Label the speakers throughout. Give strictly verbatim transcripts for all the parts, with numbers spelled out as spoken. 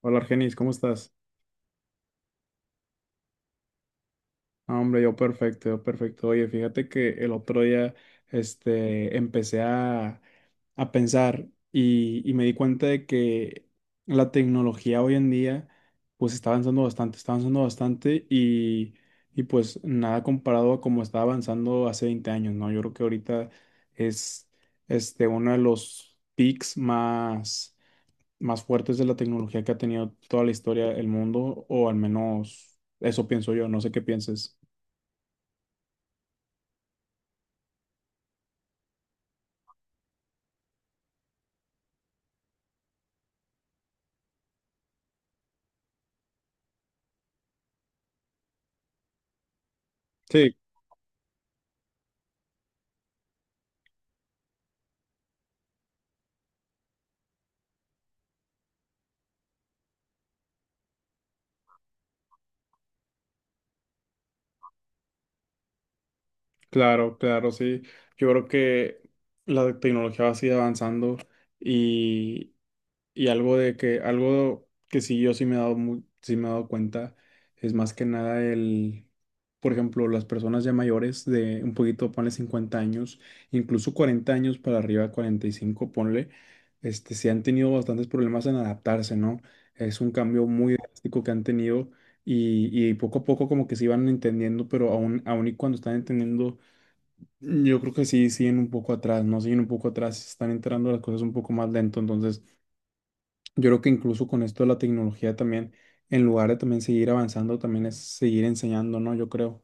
Speaker 1: Hola Argenis, ¿cómo estás? No, hombre, yo perfecto, yo perfecto. Oye, fíjate que el otro día este, empecé a, a pensar y, y me di cuenta de que la tecnología hoy en día pues está avanzando bastante, está avanzando bastante y, y pues nada comparado a como estaba avanzando hace veinte años, ¿no? Yo creo que ahorita es este, uno de los peaks más más fuertes de la tecnología que ha tenido toda la historia del mundo, o al menos eso pienso yo, no sé qué pienses. Sí, claro, claro, sí. Yo creo que la tecnología va a seguir avanzando. Y algo de que, algo que sí yo sí me he dado mu- sí me he dado cuenta es más que nada el, por ejemplo, las personas ya mayores de un poquito, ponle cincuenta años, incluso cuarenta años para arriba, cuarenta y cinco ponle, este, sí han tenido bastantes problemas en adaptarse, ¿no? Es un cambio muy drástico que han tenido y, y poco a poco como que se iban entendiendo, pero aún, aún y cuando están entendiendo, yo creo que sí siguen un poco atrás, ¿no? Siguen un poco atrás, están enterando las cosas un poco más lento, entonces yo creo que incluso con esto de la tecnología también, en lugar de también seguir avanzando, también es seguir enseñando, ¿no? Yo creo.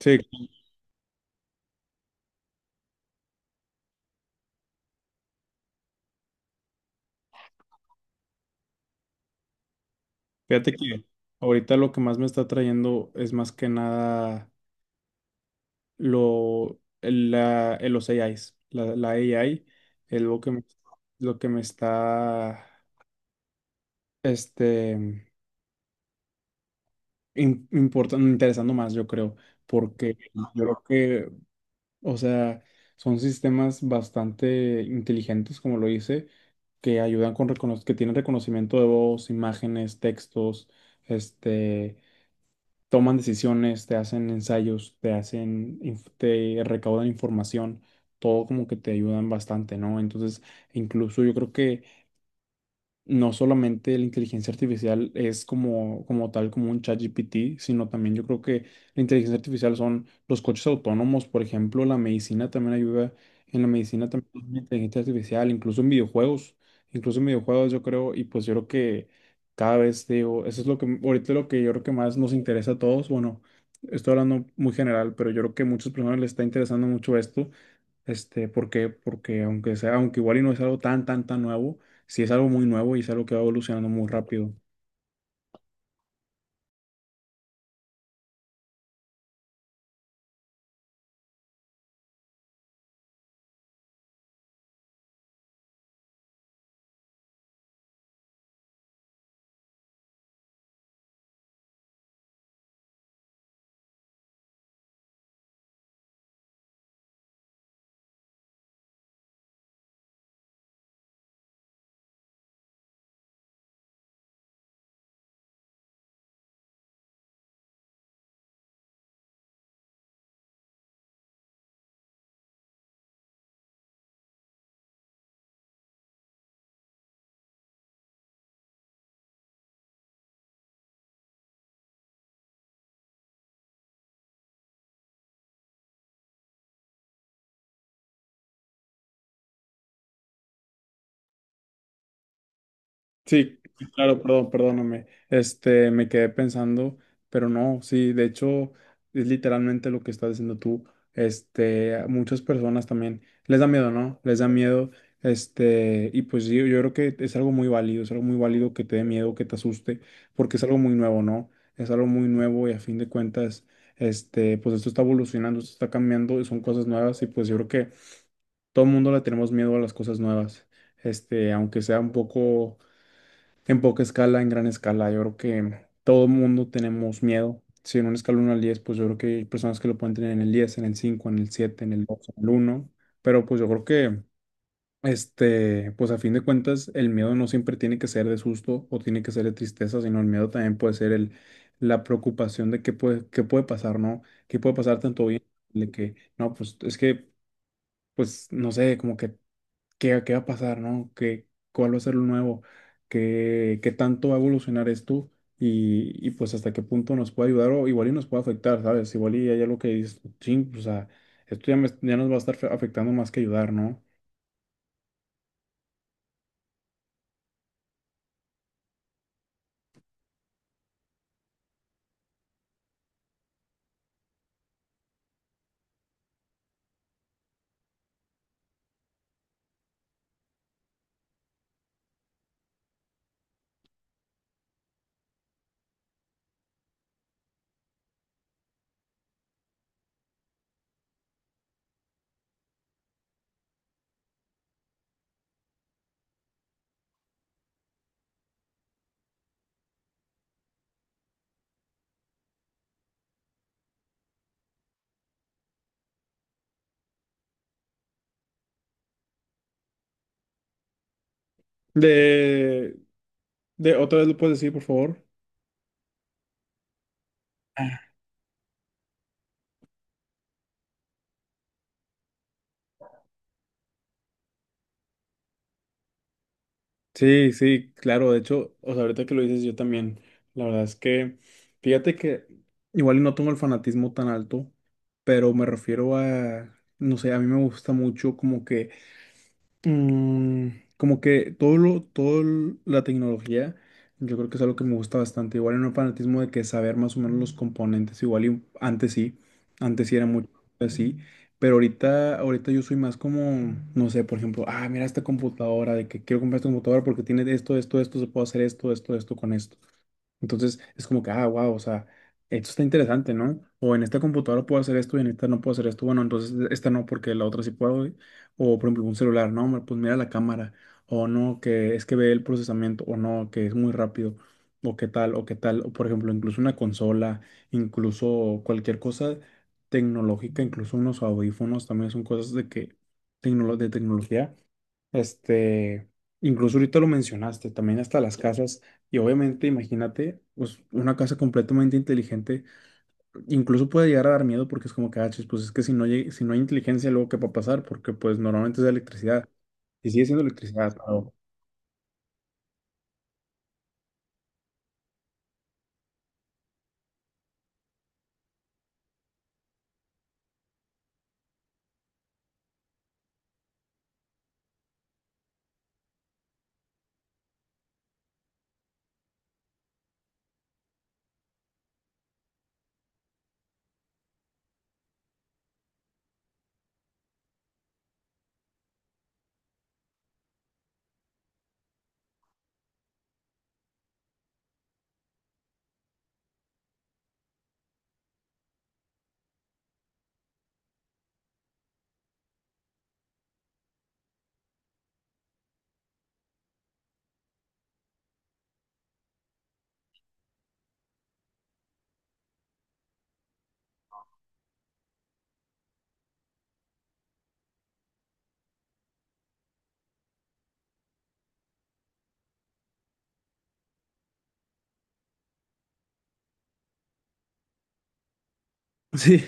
Speaker 1: Sí, fíjate que ahorita lo que más me está trayendo es más que nada lo, el- la, el- los A Is. La, la A I es lo que me, lo que me está este, im- importando, interesando más, yo creo, porque yo creo o sea, son sistemas bastante inteligentes, como lo dice, que ayudan con recono- que tienen reconocimiento de voz, imágenes, textos, este, toman decisiones, te hacen ensayos, te hacen, inf- te recaudan información, todo como que te ayudan bastante, ¿no? Entonces, incluso yo creo que no solamente la inteligencia artificial es como, como tal, como un ChatGPT, sino también yo creo que la inteligencia artificial son los coches autónomos, por ejemplo, la medicina también ayuda, en la medicina también hay una inteligencia artificial, incluso en videojuegos, incluso en videojuegos yo creo, y pues yo creo que cada vez digo, eso es lo que ahorita lo que yo creo que más nos interesa a todos, bueno, estoy hablando muy general, pero yo creo que a muchas personas les está interesando mucho esto este, porque, porque aunque sea, aunque igual y no es algo tan, tan, tan nuevo, sí es algo muy nuevo y es algo que va evolucionando muy rápido. Sí, claro, perdón, perdóname. Este, me quedé pensando, pero no, sí, de hecho, es literalmente lo que estás diciendo tú. Este, a muchas personas también les da miedo, ¿no? Les da miedo. Este, y pues sí, yo creo que es algo muy válido, es algo muy válido que te dé miedo, que te asuste, porque es algo muy nuevo, ¿no? Es algo muy nuevo y a fin de cuentas, este, pues esto está evolucionando, esto está cambiando y son cosas nuevas y pues yo creo que todo el mundo le tenemos miedo a las cosas nuevas. Este, aunque sea un poco en poca escala, en gran escala, yo creo que todo el mundo tenemos miedo. Si en una escala uno al diez, pues yo creo que hay personas que lo pueden tener en el diez, en el cinco, en el siete, en el dos, en el uno. Pero pues yo creo que, este, pues a fin de cuentas, el miedo no siempre tiene que ser de susto o tiene que ser de tristeza, sino el miedo también puede ser el, la preocupación de qué puede, qué puede pasar, ¿no? ¿Qué puede pasar tanto bien? De que, no, pues es que, pues no sé, como que ¿qué, qué va a pasar, no? ¿Qué, cuál va a ser lo nuevo? ¿Qué, qué tanto va a evolucionar esto? Y, y pues hasta qué punto nos puede ayudar o igual y nos puede afectar, ¿sabes? Igual y hay algo que dices, ching, o sea, esto ya, me- ya nos va a estar fe- afectando más que ayudar, ¿no? De, de, otra vez lo puedes decir, por favor. Sí, sí, claro, de hecho, o sea, ahorita que lo dices yo también, la verdad es que, fíjate que igual y no tengo el fanatismo tan alto, pero me refiero a, no sé, a mí me gusta mucho como que Mm, como que todo lo, todo el- la tecnología, yo creo que es algo que me gusta bastante. Igual en un fanatismo de que saber más o menos los componentes, igual y antes sí, antes sí era mucho así, pero ahorita, ahorita yo soy más como, no sé, por ejemplo, ah, mira esta computadora, de que quiero comprar esta computadora porque tiene esto, esto, esto, se puede hacer esto, esto, esto con esto. Entonces es como que, ah, wow, o sea, esto está interesante, ¿no? O en esta computadora puedo hacer esto y en esta no puedo hacer esto. Bueno, entonces e, esta no porque la otra sí puedo. Y- O por ejemplo, un celular, no, hombre, pues mira la cámara. O no, que es que ve el procesamiento. O no, que es muy rápido. O qué tal, o qué tal. O por ejemplo, incluso una consola, incluso cualquier cosa tecnológica, incluso unos audífonos también son cosas de que, tecnolo- de tecnología este, incluso ahorita lo mencionaste, también hasta las casas, y obviamente imagínate, pues una casa completamente inteligente, incluso puede llegar a dar miedo porque es como que, ah, chis, pues es que si no, llega- si no hay inteligencia, luego qué va a pasar, porque pues normalmente es electricidad, y sigue siendo electricidad, pero- Sí,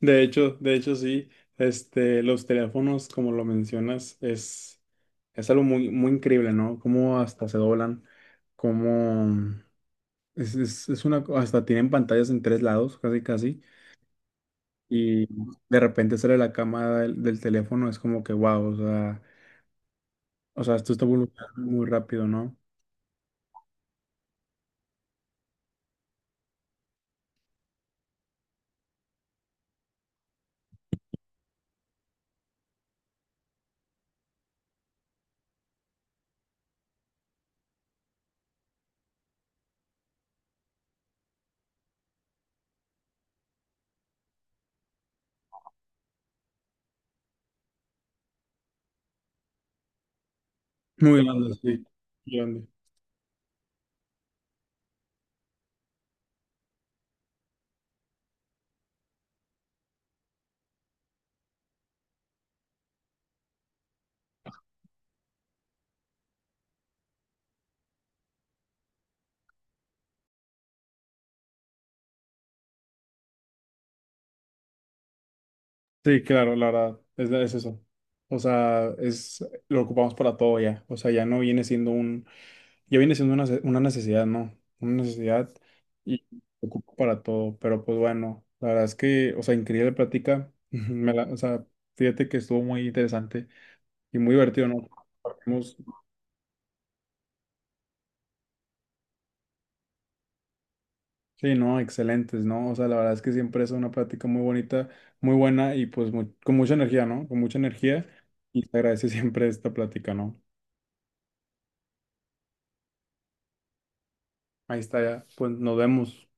Speaker 1: de hecho, de hecho sí, este, los teléfonos, como lo mencionas, es, es algo muy, muy increíble, ¿no? Cómo hasta se doblan, cómo... Es, es, es una, co- hasta tienen pantallas en tres lados, casi casi, y de repente sale la cámara del, del teléfono, es como que wow, o sea, o sea, esto está evolucionando muy rápido, ¿no? Muy grande, sí, grande. Sí, claro, la verdad, es, la- es eso. O sea, es, lo ocupamos para todo ya, o sea, ya no viene siendo un, ya viene siendo una, ce- una necesidad, ¿no? Una necesidad y lo ocupo para todo, pero pues bueno, la verdad es que, o sea, increíble plática, me la- o sea, fíjate que estuvo muy interesante. Y muy divertido, ¿no? Compartimos- Sí, no, excelentes, ¿no? O sea, la verdad es que siempre es una plática muy bonita, muy buena y pues mu- con mucha energía, ¿no? Con mucha energía y te agradece siempre esta plática, ¿no? Ahí está ya, pues nos vemos.